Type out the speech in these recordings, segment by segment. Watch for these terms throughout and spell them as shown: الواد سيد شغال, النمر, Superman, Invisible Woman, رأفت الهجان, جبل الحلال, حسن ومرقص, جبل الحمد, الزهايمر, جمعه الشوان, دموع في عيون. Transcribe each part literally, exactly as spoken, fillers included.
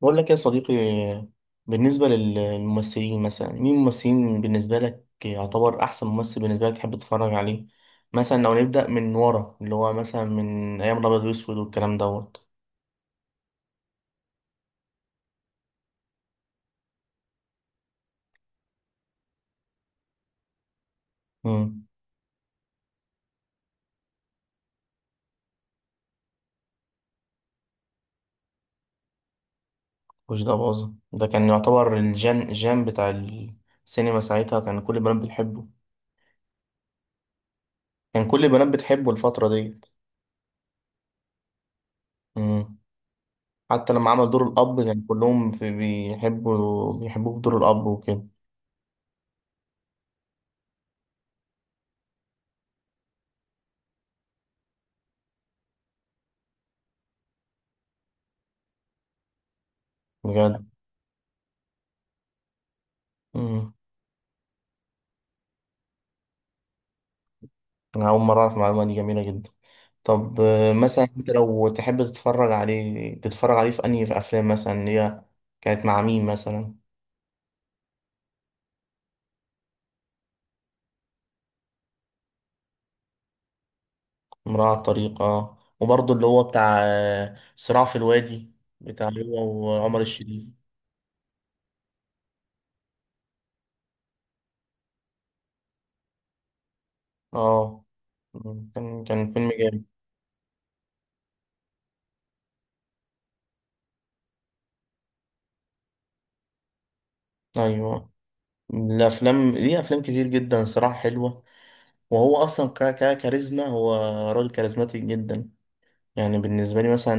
بقول لك يا صديقي، بالنسبة لل- للممثلين، مثلا مين الممثلين بالنسبة لك يعتبر أحسن ممثل بالنسبة لك تحب تتفرج عليه؟ مثلا لو نبدأ من ورا اللي هو مثلا من أيام الأبيض وأسود والكلام دوت. مم. وش ده باظة ده كان يعتبر الجان الجان بتاع السينما ساعتها. كان كل البنات بتحبه، كان كل البنات بتحبه الفترة ديت. مم. حتى لما عمل دور الأب كان كلهم في بيحبوا بيحبوه في دور الأب وكده. بجد. مم. انا اول مره اعرف المعلومه دي، جميله جدا. طب، آه، مثلا انت لو تحب تتفرج عليه، تتفرج عليه في انهي في افلام مثلا اللي هي كانت مع مين مثلا؟ امرأة على الطريق، اه وبرضه اللي هو بتاع آه، صراع في الوادي، بتاع هو وعمر الشريف. اه، كان كان فيلم جامد. ايوه، الافلام ليه افلام كتير جدا صراحه حلوه. وهو اصلا ك... ك- كاريزما، هو راجل كاريزماتيك جدا. يعني بالنسبة لي مثلا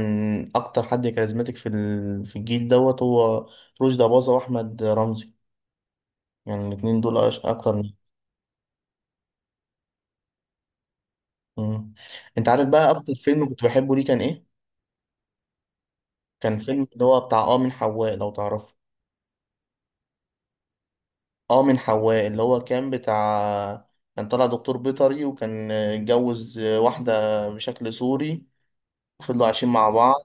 أكتر حد كاريزماتيك في ال- في الجيل دوت هو رشدي أباظة وأحمد رمزي. يعني الاتنين دول أش- أكتر ناس. مم. أنت عارف بقى أكتر فيلم كنت بحبه ليه كان إيه؟ كان فيلم اللي هو بتاع آه من حواء، لو تعرفه. آه من حواء اللي هو كان بتاع كان طالع دكتور بيطري، وكان اتجوز واحدة بشكل سوري، وفضلوا عايشين مع بعض.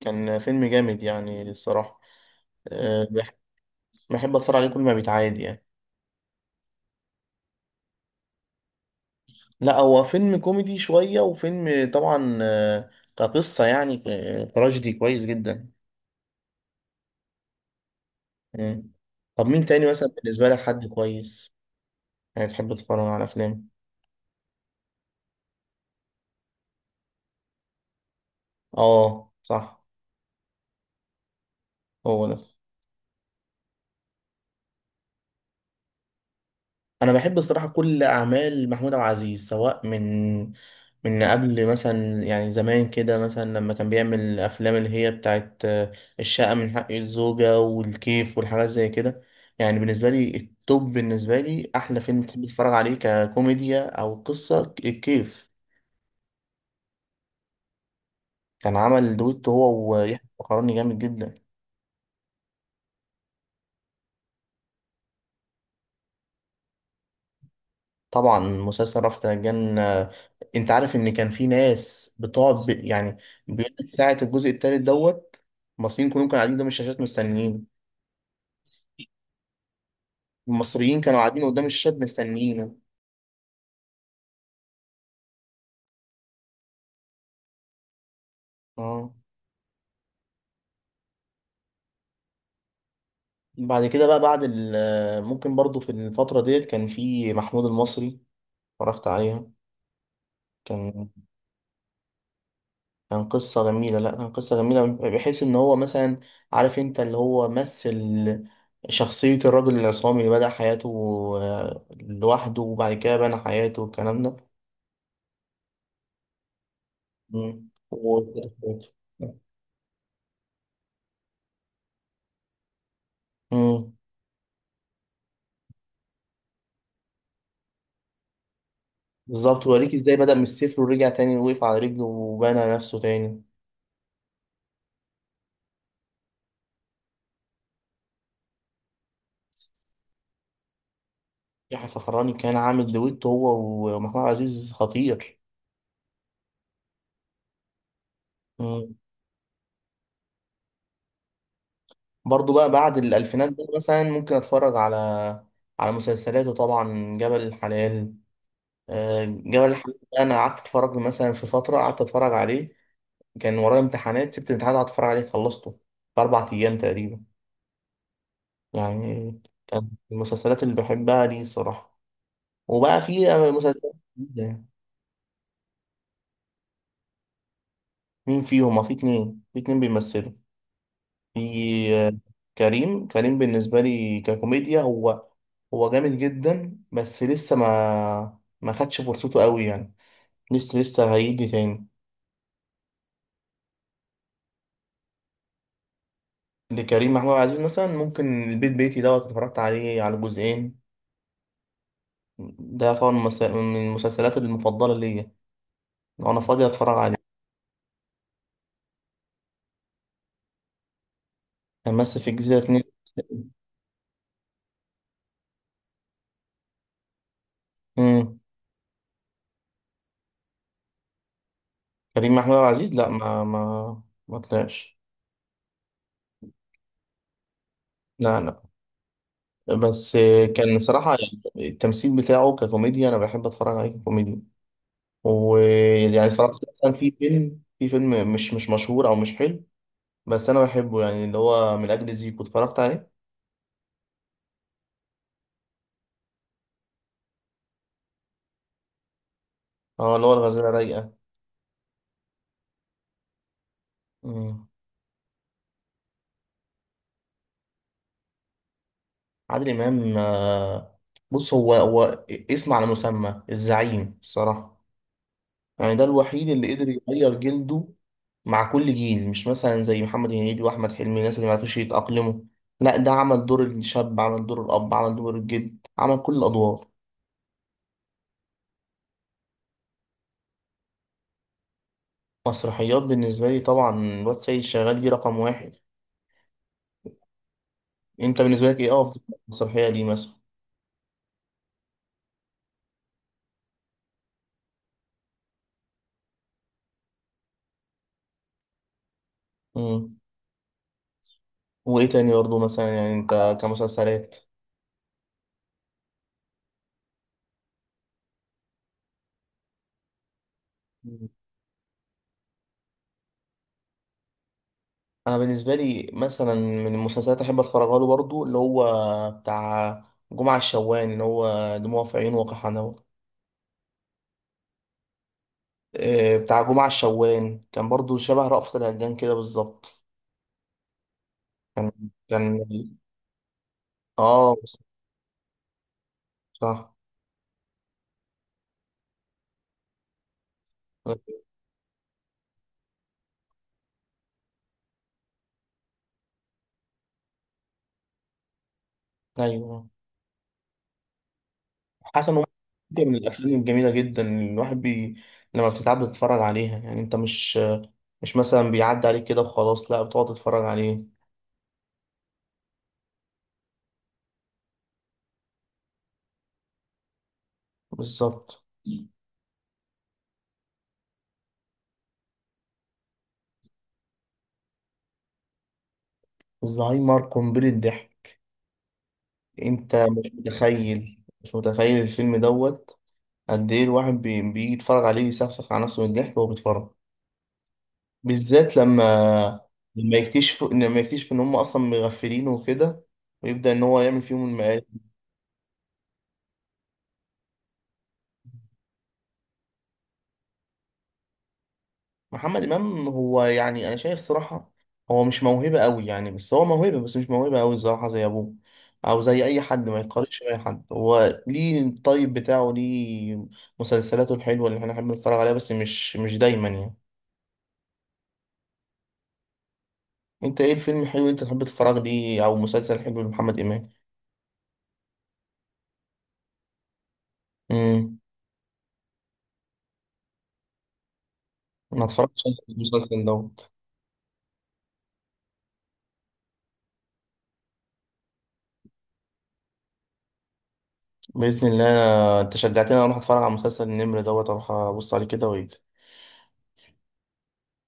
كان فيلم جامد يعني الصراحة. أه، بح- بحب أتفرج عليه كل ما بيتعاد يعني. لا، هو فيلم كوميدي شوية، وفيلم طبعا آه، كقصة يعني آه، تراجيدي كويس جدا. مم. طب مين تاني مثلا بالنسبة لك حد كويس، يعني تحب تتفرج على أفلام؟ اه، صح. هو ده. انا بحب الصراحه كل اعمال محمود عبد العزيز، سواء من من قبل مثلا، يعني زمان كده، مثلا لما كان بيعمل الافلام اللي هي بتاعت آه، الشقه من حق الزوجه، والكيف، والحاجات زي كده. يعني بالنسبه لي التوب، بالنسبه لي احلى فيلم بحب اتفرج عليه ككوميديا او قصه، الكيف. كان عمل دويتو هو ويحيى الفخراني جامد جدا. طبعا مسلسل رأفت الهجان. آه، انت عارف ان كان في ناس بتقعد ب... يعني بيقول لك ساعة الجزء التالت دوت. المصريين كلهم كانوا قاعدين قدام الشاشات مستنيين. المصريين كانوا قاعدين قدام الشاشات مستنيينه. اه. بعد كده بقى بعد ال... ممكن برضو في الفترة ديت كان في محمود المصري، اتفرجت عليها. كان كان قصة جميلة، لا، كان قصة جميلة بحيث ان هو مثلا عارف، انت اللي هو مثل شخصية الرجل العصامي اللي بدأ حياته آه، لوحده، وبعد كده بنى حياته والكلام ده. مم. و- مم. بالظبط، وريك ازاي بدأ من الصفر، ورجع تاني وقف على رجله وبنى نفسه تاني. يحيى الفخراني كان عامل دويتو هو ومحمود عبد العزيز خطير. مم. برضو بقى بعد الألفينات ده، مثلا ممكن أتفرج على على مسلسلاته. طبعا جبل الحلال. آه، جبل الحمد ده انا قعدت اتفرج له، مثلا في فتره قعدت اتفرج عليه. كان ورايا امتحانات، سبت الامتحان قعدت اتفرج عليه، خلصته في اربع ايام تقريبا يعني. كان من المسلسلات اللي بحبها دي الصراحه. وبقى في مسلسلات جديده يعني. مين فيهم؟ في اتنين في اتنين بيمثلوا. في آه، كريم كريم بالنسبه لي ككوميديا، هو هو جامد جدا، بس لسه ما ما خدش فرصته قوي يعني. لسه لسه هيجي تاني. لكريم محمود عبد العزيز مثلا ممكن البيت بيتي دوت، اتفرجت عليه على جزئين. ده طبعا مس- من المسلسلات المفضلة ليا لو أنا فاضي أتفرج عليه. كان مثل في الجزيرة اتنين. مم. كريم محمود عبد العزيز، لا، ما ما ما طلعش. لا، لا. بس كان صراحة، يعني التمثيل بتاعه ككوميديا أنا بحب أتفرج عليه كوميديا. ويعني اتفرجت مثلا في فيلم في فيلم مش مش مشهور أو مش حلو. بس أنا بحبه، يعني اللي هو من أجل زيكو اتفرجت عليه. اه، اللي هو الغزالة رايقة. مم. عادل امام، آه، بص، هو هو اسم على مسمى، الزعيم الصراحه. يعني ده الوحيد اللي قدر يغير جلده مع كل جيل، مش مثلا زي محمد هنيدي واحمد حلمي، الناس اللي ما عرفوش يتاقلموا. لا، ده عمل دور الشاب، عمل دور الاب، عمل دور الجد، عمل كل الادوار. مسرحيات بالنسبه لي طبعا الواد سيد شغال، دي رقم واحد. انت بالنسبه لك ايه افضل مسرحيه ليه مثلا؟ مم. وايه تاني برضه مثلا يعني انت كمسلسلات؟ انا بالنسبه لي مثلا من المسلسلات احب اتفرج له برضو اللي هو بتاع جمعه الشوان، اللي هو دموع في عيون وقحنه. إيه، بتاع جمعه الشوان كان برضو شبه رأفت الهجان كده بالظبط. كان كان اه، صح. ايوه، حسن ومرقص. دي من الافلام الجميله جدا، اللي الواحد بي... لما بتتعب بتتفرج عليها. يعني انت مش مش مثلا بيعدي عليك كده وخلاص، لا بتقعد تتفرج عليه. بالظبط. الزهايمر قنبله ضحك. انت مش متخيل مش متخيل الفيلم دوت. قد ايه الواحد بي- بيجي يتفرج عليه، يسخسخ على نفسه من الضحك وهو بيتفرج. بالذات لما لما يكتشف لما يكتشف ان هم اصلا مغفلين وكده، ويبدأ ان هو يعمل فيهم المقالب. محمد امام، هو يعني انا شايف صراحة هو مش موهبة قوي يعني، بس هو موهبة، بس مش موهبة قوي الصراحة زي ابوه، او زي اي حد ما يتقارنش باي حد، هو ليه الطيب بتاعه، ليه مسلسلاته الحلوة اللي احنا بنحب نتفرج عليها، بس مش مش دايما يعني. انت ايه الفيلم الحلو اللي انت تحب تتفرج ليه او مسلسل حلو لمحمد امام؟ امم. ما اتفرجتش على المسلسل دوت. باذن الله، انت شجعتني اروح اتفرج على مسلسل النمر دوت، اروح ابص عليه كده وايه.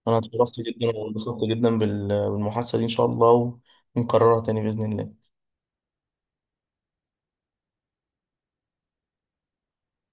انا اتشرفت جدا وانبسطت جدا بال- بالمحادثه دي، ان شاء الله. ونكررها تاني باذن الله.